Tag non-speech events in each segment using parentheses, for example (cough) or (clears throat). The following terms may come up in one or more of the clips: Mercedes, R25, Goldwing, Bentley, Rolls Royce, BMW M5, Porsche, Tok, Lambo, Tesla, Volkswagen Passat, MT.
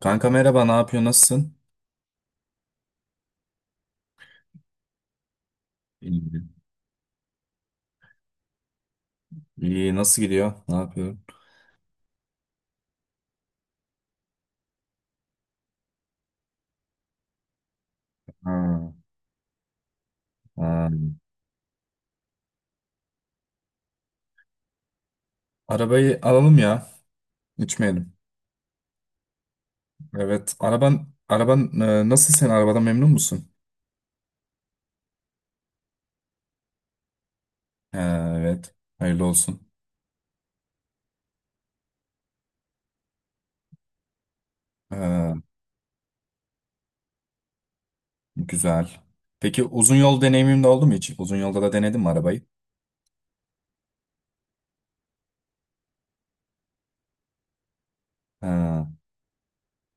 Kanka merhaba, ne yapıyor, nasılsın? İyi. İyi, nasıl gidiyor? Ne yapıyor? Ha, ha. Arabayı alalım ya, içmeyelim. Evet, araban, nasıl sen arabadan memnun musun? Ee, Evet, hayırlı olsun. Ee, Güzel. Peki uzun yol deneyimin de oldu mu hiç? Uzun yolda da denedin mi arabayı? Ee,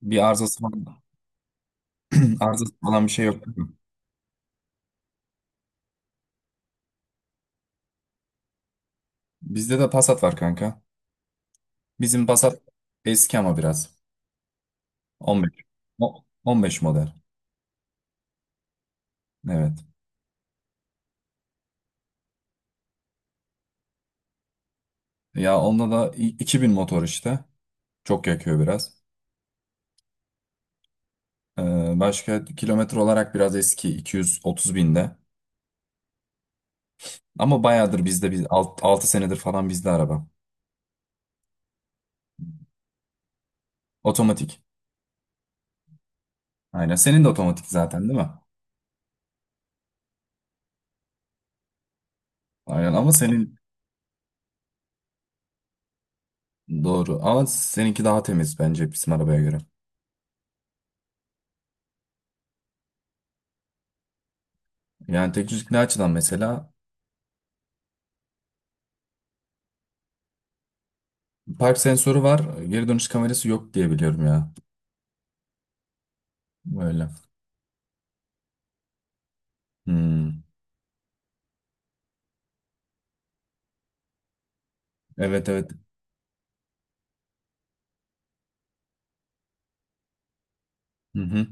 bir arızası falan, (clears throat) arızası falan bir şey yok, değil mi? Bizde de Passat var, kanka. Bizim Passat eski ama biraz. 15. 15 model. Evet. Ya onda da 2000 motor işte. Çok yakıyor biraz. Başka kilometre olarak biraz eski, 230 binde. Ama bayağıdır bizde, biz 6 senedir falan bizde araba. Otomatik. Aynen. Senin de otomatik zaten, değil mi? Aynen ama senin doğru. Ama seninki daha temiz bence bizim arabaya göre. Yani teknik ne açıdan mesela park sensörü var, geri dönüş kamerası yok diye biliyorum ya. Böyle. Hmm. Evet, evet. Hı hı.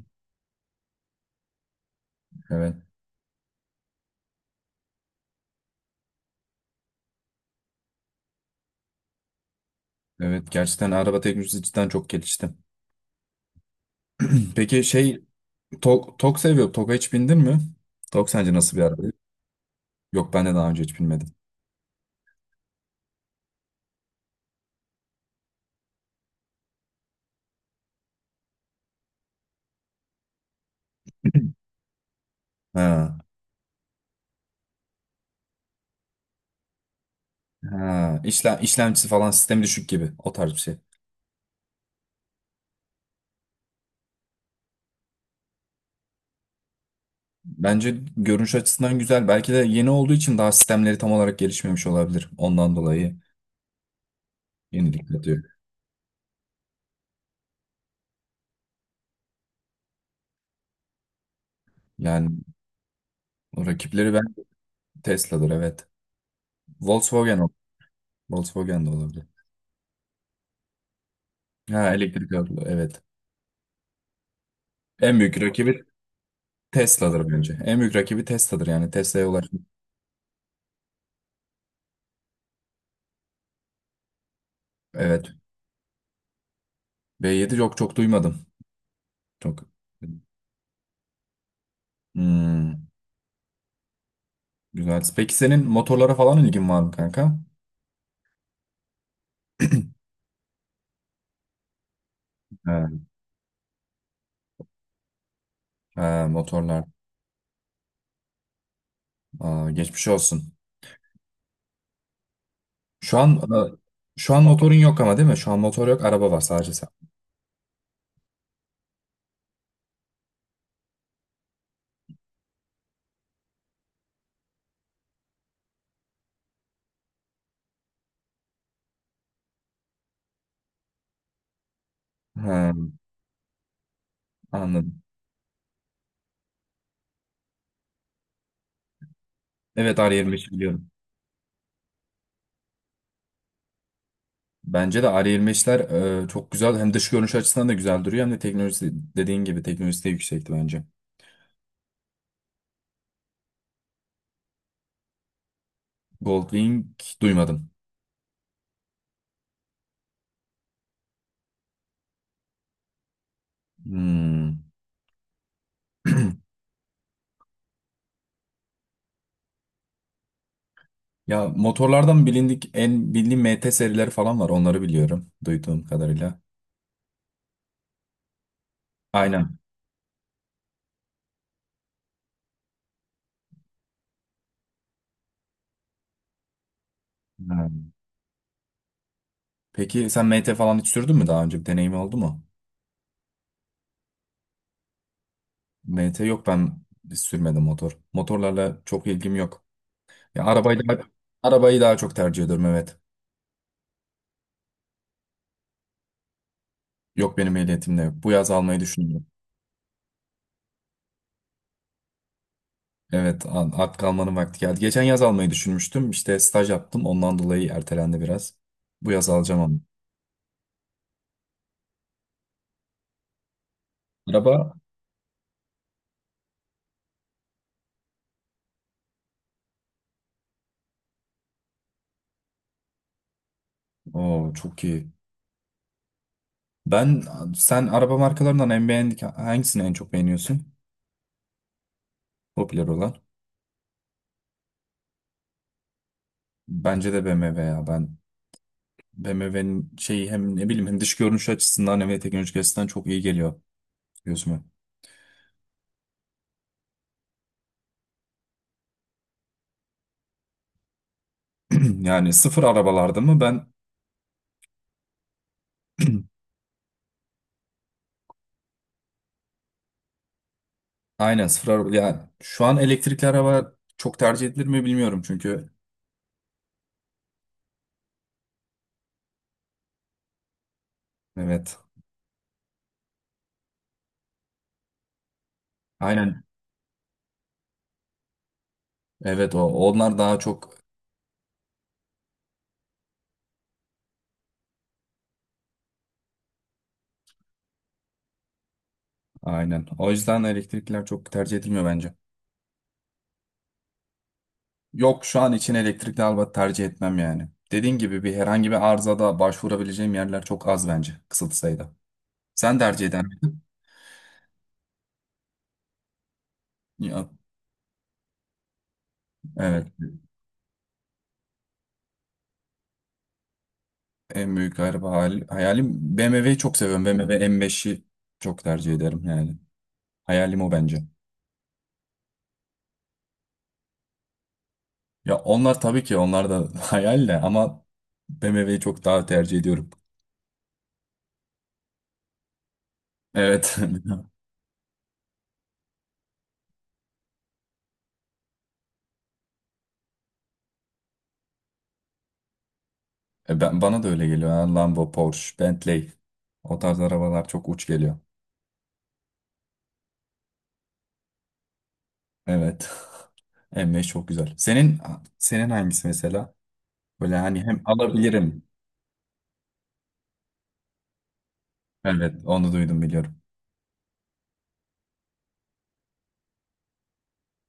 Evet. Evet, gerçekten araba teknolojisi cidden çok gelişti. Peki şey Tok seviyor. Tok'a hiç bindin mi? Tok sence nasıl bir araba? Yok, ben de daha önce hiç binmedim. Ha, ha. İşlemcisi falan sistemi düşük gibi o tarz bir şey. Bence görünüş açısından güzel. Belki de yeni olduğu için daha sistemleri tam olarak gelişmemiş olabilir. Ondan dolayı yenilik katıyor. Yani o rakipleri ben Tesla'dır, evet. Volkswagen ol- Volkswagen de olabilir. Ha, elektrikli araba, evet. En büyük rakibi Tesla'dır bence. En büyük rakibi Tesla'dır, yani Tesla'ya ulaşmak. Evet. B7 yok, çok duymadım. Çok Hmm, güzel. Peki senin motorlara falan ilgin var mı, kanka? Ha, ha, motorlar. Aa, geçmiş olsun. Şu an e, şu an motorun yok ama, değil mi? Şu an motor yok, araba var sadece sen. Ha, anladım. Evet, R25 biliyorum. Bence de R25'ler, çok güzel. Hem dış görünüş açısından da güzel duruyor. Hem de teknolojisi, dediğin gibi teknolojisi de yüksekti bence. Goldwing duymadım. Hmm. Ya, motorlardan bilindik en bildiğim MT serileri falan var. Onları biliyorum duyduğum kadarıyla. Aynen. Ha. Peki sen MT falan hiç sürdün mü daha önce? Bir deneyim oldu mu? MT yok, ben sürmedim motor. Motorlarla çok ilgim yok. Ya, arabayı daha çok tercih ediyorum, evet. Yok, benim ehliyetim de yok. Bu yaz almayı düşünüyorum. Evet, artık almanın vakti geldi. Geçen yaz almayı düşünmüştüm. İşte staj yaptım. Ondan dolayı ertelendi biraz. Bu yaz alacağım ama. Araba O çok iyi. Ben Sen araba markalarından en beğendik hangisini en çok beğeniyorsun? Popüler olan. Bence de BMW ya, ben BMW'nin şeyi hem ne bileyim, hem dış görünüş açısından hem de teknolojik açısından çok iyi geliyor gözüme. (clears throat) Yani sıfır arabalarda mı ben? (clears throat) Aynen, sıfır araba yani. Şu an elektrikli araba çok tercih edilir mi bilmiyorum, çünkü evet, aynen, evet, onlar daha çok, aynen, o yüzden elektrikliler çok tercih edilmiyor bence. Yok, şu an için elektrikli araba tercih etmem yani. Dediğin gibi herhangi bir arızada başvurabileceğim yerler çok az bence, kısıtlı sayıda. Sen tercih eden Ya, evet. En büyük araba hayalim BMW'yi çok seviyorum. BMW M5'i çok tercih ederim yani. Hayalim o bence. Ya, onlar tabii ki, onlar da (laughs) hayal de ama BMW'yi çok daha tercih ediyorum. Evet. (laughs) Bana da öyle geliyor. Yani Lambo, Porsche, Bentley. O tarz arabalar çok uç geliyor. Evet. (laughs) M5 çok güzel. Senin hangisi mesela? Böyle hani hem alabilirim. Evet, onu duydum, biliyorum.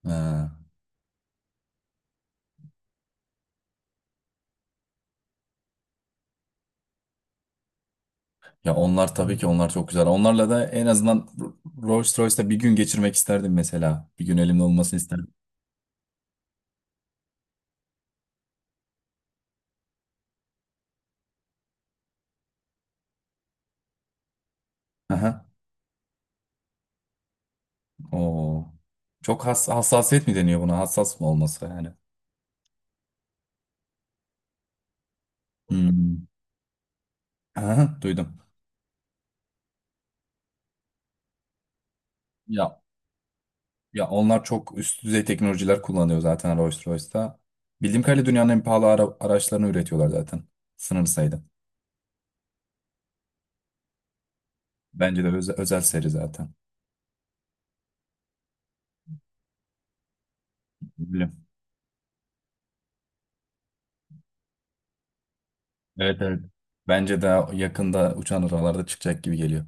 Ha. Ya onlar tabii ki, onlar çok güzel. Onlarla da, en azından Rolls Royce'da bir gün geçirmek isterdim mesela. Bir gün elimde olmasını isterdim. Aha. Oo. Çok hassasiyet mi deniyor buna? Hassas mı olması yani? Hmm. Aha, duydum. Ya ya, onlar çok üst düzey teknolojiler kullanıyor zaten Rolls Royce'da. Bildiğim kadarıyla dünyanın en pahalı araçlarını üretiyorlar zaten. Sınır sayıda. Bence de özel seri zaten. Bilmiyorum. Evet, evet. Bence de yakında uçan aralarda çıkacak gibi geliyor.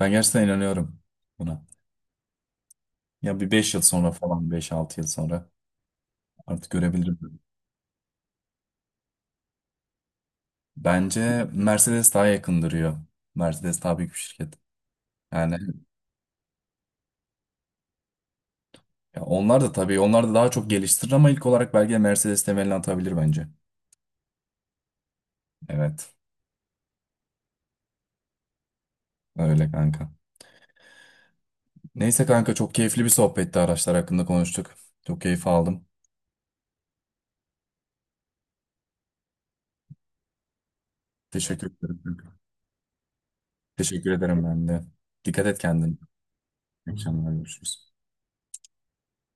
Ben gerçekten inanıyorum buna. Ya bir 5 yıl sonra falan, 5-6 yıl sonra artık görebilirim. Bence Mercedes daha yakındırıyor. Mercedes daha büyük bir şirket. Yani ya onlar da, tabii onlar da daha çok geliştirir ama ilk olarak belki de Mercedes temelini atabilir bence. Evet, öyle kanka. Neyse kanka, çok keyifli bir sohbetti, araçlar hakkında konuştuk. Çok keyif aldım. Teşekkür ederim, kanka. Teşekkür ederim ben de. Dikkat et kendine. İyi akşamlar, görüşürüz.